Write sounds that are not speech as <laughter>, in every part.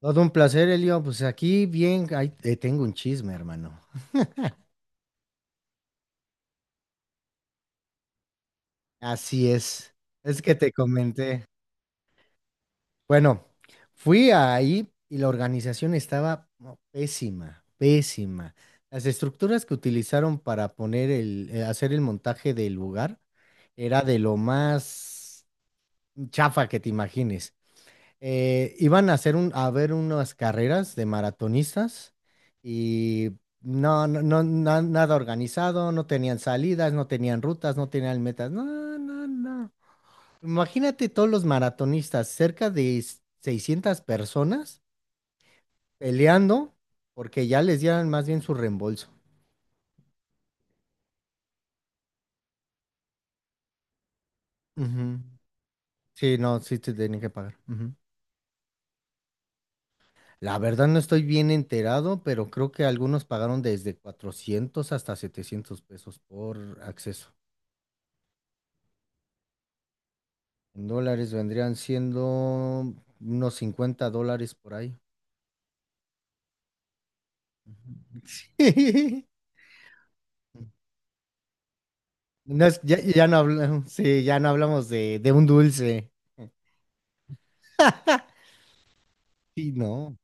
Todo un placer, Elio. Pues aquí bien, ahí te tengo un chisme, hermano. Así es. Es que te comenté. Bueno, fui ahí y la organización estaba no, pésima, pésima. Las estructuras que utilizaron para poner hacer el montaje del lugar era de lo más chafa que te imagines. Iban a hacer a ver unas carreras de maratonistas y no, no, no, nada organizado, no tenían salidas, no tenían rutas, no tenían metas. No, no, no. Imagínate todos los maratonistas, cerca de 600 personas peleando porque ya les dieran más bien su reembolso. Ujú. Sí, no, sí te tenían que pagar. Ujú. La verdad no estoy bien enterado, pero creo que algunos pagaron desde 400 hasta 700 pesos por acceso. En dólares vendrían siendo unos 50 dólares por ahí. <laughs> Ya no hablamos, <laughs> sí, ya no hablamos de un dulce. Sí, no.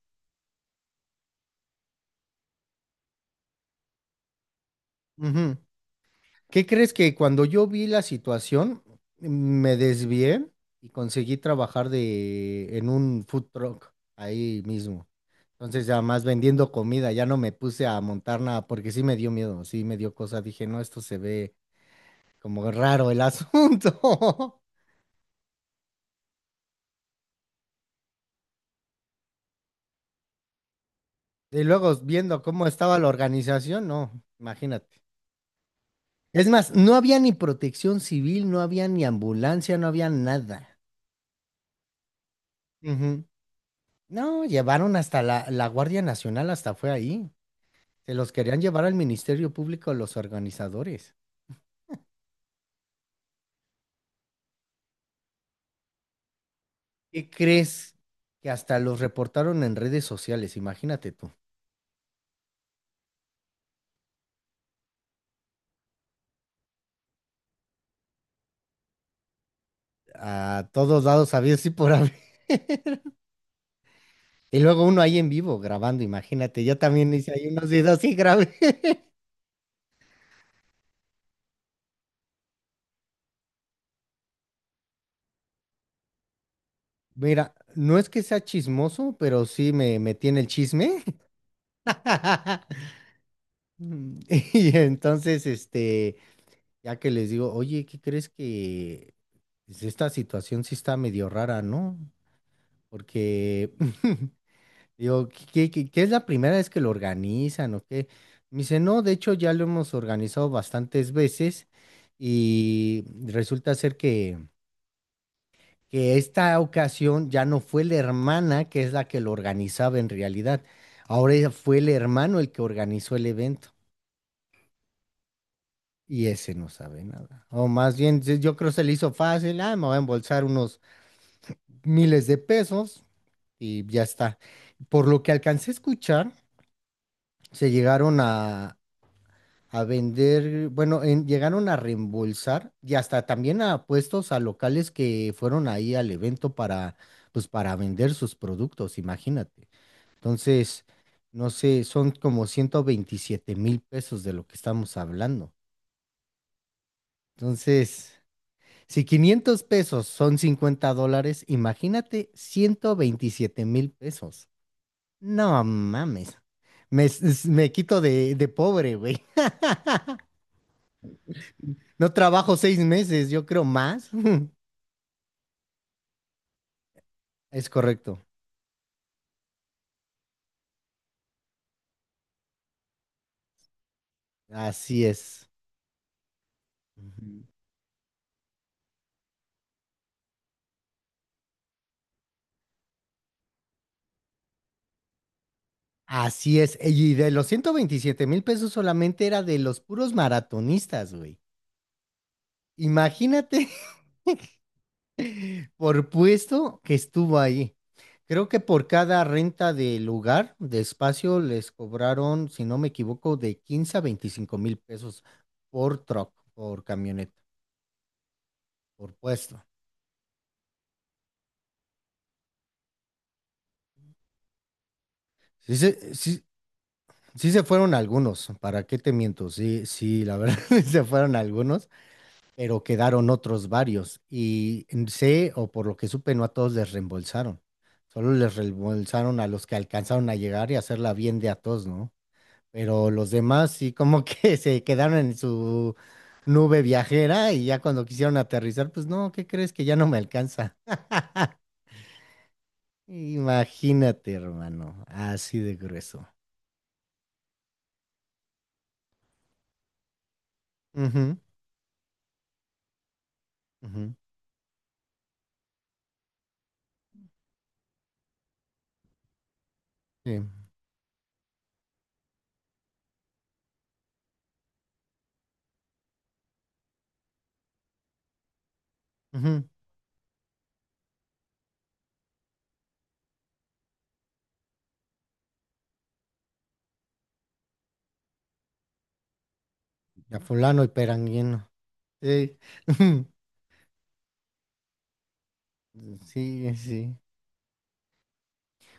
Ujú. ¿Qué crees que cuando yo vi la situación, me desvié y conseguí trabajar en un food truck ahí mismo? Entonces, ya más vendiendo comida, ya no me puse a montar nada porque sí me dio miedo, sí me dio cosa. Dije, no, esto se ve como raro el asunto. <laughs> Y luego viendo cómo estaba la organización, no, imagínate. Es más, no había ni protección civil, no había ni ambulancia, no había nada. Ujú. No, llevaron hasta la Guardia Nacional, hasta fue ahí. Se los querían llevar al Ministerio Público los organizadores. ¿Qué crees? Que hasta los reportaron en redes sociales, imagínate tú. A todos lados, había sí por haber. Y luego uno ahí en vivo grabando, imagínate. Yo también hice ahí unos videos y grabé. Mira, no es que sea chismoso, pero sí me tiene el chisme. <laughs> Mm, <laughs> Y entonces, ya que les digo, oye, ¿qué crees que pues, esta situación sí está medio rara, ¿no? Porque <laughs> digo, ¿qué es la primera vez que lo organizan o qué? Me dice, no, de hecho ya lo hemos organizado bastantes veces y resulta ser que esta ocasión ya no fue la hermana que es la que lo organizaba en realidad. Ahora ya fue el hermano el que organizó el evento y ese no sabe nada. O más bien, yo creo se le hizo fácil, ah, me voy a embolsar unos miles de pesos y ya está. Por lo que alcancé a escuchar, se llegaron a vender, bueno, llegaron a reembolsar y hasta también a puestos a locales que fueron ahí al evento para vender sus productos, imagínate. Entonces, no sé, son como 127,000 pesos de lo que estamos hablando. Entonces, si 500 pesos son 50 dólares, imagínate 127,000 pesos. No mames. Me, s- me quito de pobre, güey. <laughs> No trabajo 6 meses, yo creo más. <laughs> Es correcto. Así es. Ujú. Así es. Y de los 127,000 pesos solamente era de los puros maratonistas, güey. Imagínate. Por puesto que estuvo ahí. Creo que por cada renta de lugar, de espacio, les cobraron, si no me equivoco, de 15,000 a 25,000 pesos por truck, por camioneta, por puesto. Sí se, sí, sí se fueron algunos, ¿para qué te miento? Sí, sí, la verdad, <laughs> se fueron algunos, pero quedaron otros varios. Y sé, o por lo que supe, no a todos les reembolsaron. Solo les reembolsaron a los que alcanzaron a llegar y hacerla bien de a todos, ¿no? Pero los demás sí como que <laughs> se quedaron en su nube viajera y ya cuando quisieron aterrizar, pues no, ¿qué crees que ya no me alcanza? Imagínate, hermano, así de grueso. Ujú, ujú, sí, ujú. A fulano y peranguino. Sí, <laughs> sí, sí.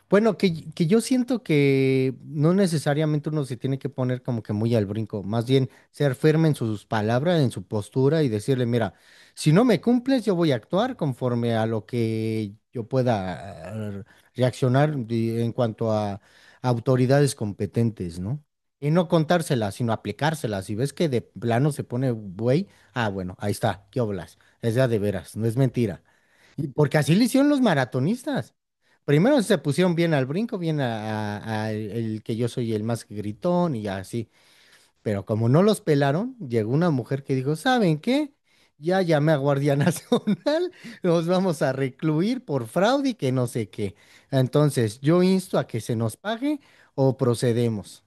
Bueno, que yo siento que no necesariamente uno se tiene que poner como que muy al brinco, más bien ser firme en sus palabras, en su postura y decirle, mira, si no me cumples, yo voy a actuar conforme a lo que yo pueda eh, reaccionar en cuanto a autoridades competentes, ¿no? Y no contárselas, sino aplicárselas. Si ves que de plano se pone güey, ah, bueno, ahí está, ¿qué oblas? Es ya de veras, no es mentira. Y porque así le hicieron los maratonistas. Primero se pusieron bien al brinco, bien a el que yo soy el más gritón y así. Pero como no los pelaron, llegó una mujer que dijo, ¿saben qué? Ya llamé a Guardia <laughs> Nacional, los vamos a recluir por fraude y que no sé qué. Entonces, yo insto a que se nos pague o procedemos.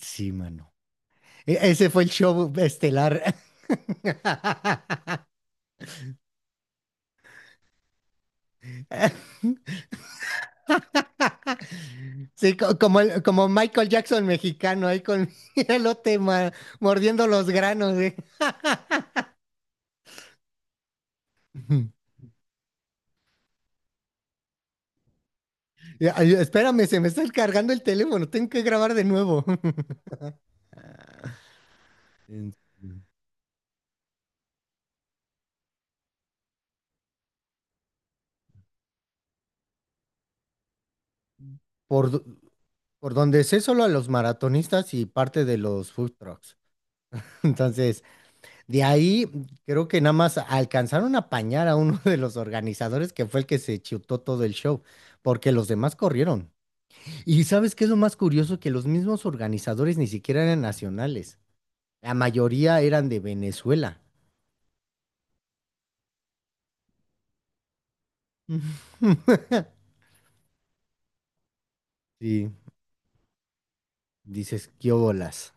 Sí, mano. Ese fue el show estelar. <laughs> Sí, como Michael Jackson mexicano, ahí con <laughs> el elote mordiendo los granos. <laughs> Ujú. Ya, ay, espérame, se me está cargando el teléfono, tengo que grabar de nuevo. <laughs> En- Por, do- por donde sé solo a los maratonistas y parte de los food trucks. <laughs> Entonces, de ahí creo que nada más alcanzaron a apañar a uno de los organizadores que fue el que se chutó todo el show, porque los demás corrieron. Y ¿sabes qué es lo más curioso? Que los mismos organizadores ni siquiera eran nacionales. La mayoría eran de Venezuela. <laughs> Sí, dices, qué bolas.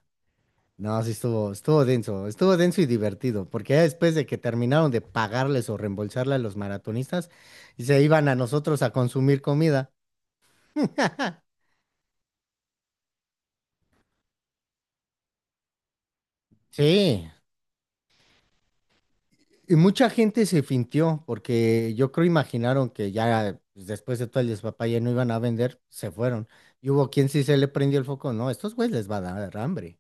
No, sí estuvo denso, estuvo denso y divertido, porque ya después de que terminaron de pagarles o reembolsarle a los maratonistas, se iban a nosotros a consumir comida. <laughs> Sí, y mucha gente se fintió, porque yo creo imaginaron que ya pues, después de todo el despapalle no iban a vender, se fueron. Y hubo quien sí se le prendió el foco, no, estos güeyes les va a dar hambre.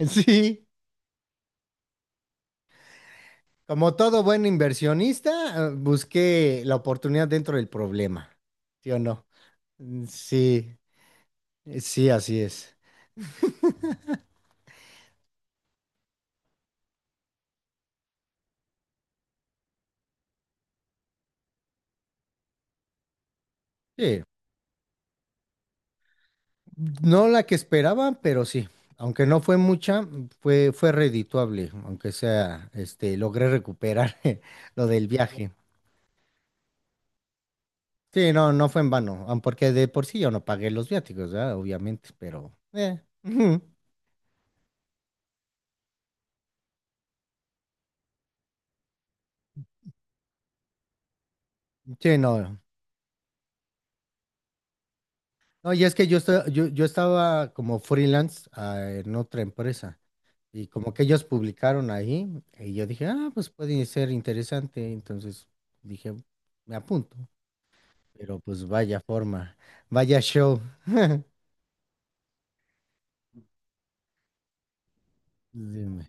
<laughs> Sí. Como todo buen inversionista, busqué la oportunidad dentro del problema, ¿sí o no? Mm, sí, sí, así es. Sí, no la que esperaba, pero sí. Aunque no fue mucha, fue redituable, aunque sea, logré recuperar <laughs> lo del viaje. Sí, no, no fue en vano, aun porque de por sí yo no pagué los viáticos, ¿verdad? Obviamente, pero... ujú. Sí, no. No, y es que yo estaba como freelance, en otra empresa. Y como que ellos publicaron ahí, y yo dije, ah, pues puede ser interesante. Entonces dije, me apunto. Pero pues vaya forma, vaya show. Dime,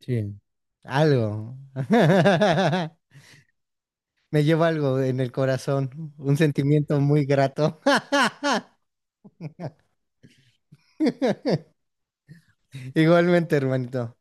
sí. Algo. <laughs> Me llevo algo en el corazón, un sentimiento muy grato. <laughs> Igualmente, hermanito.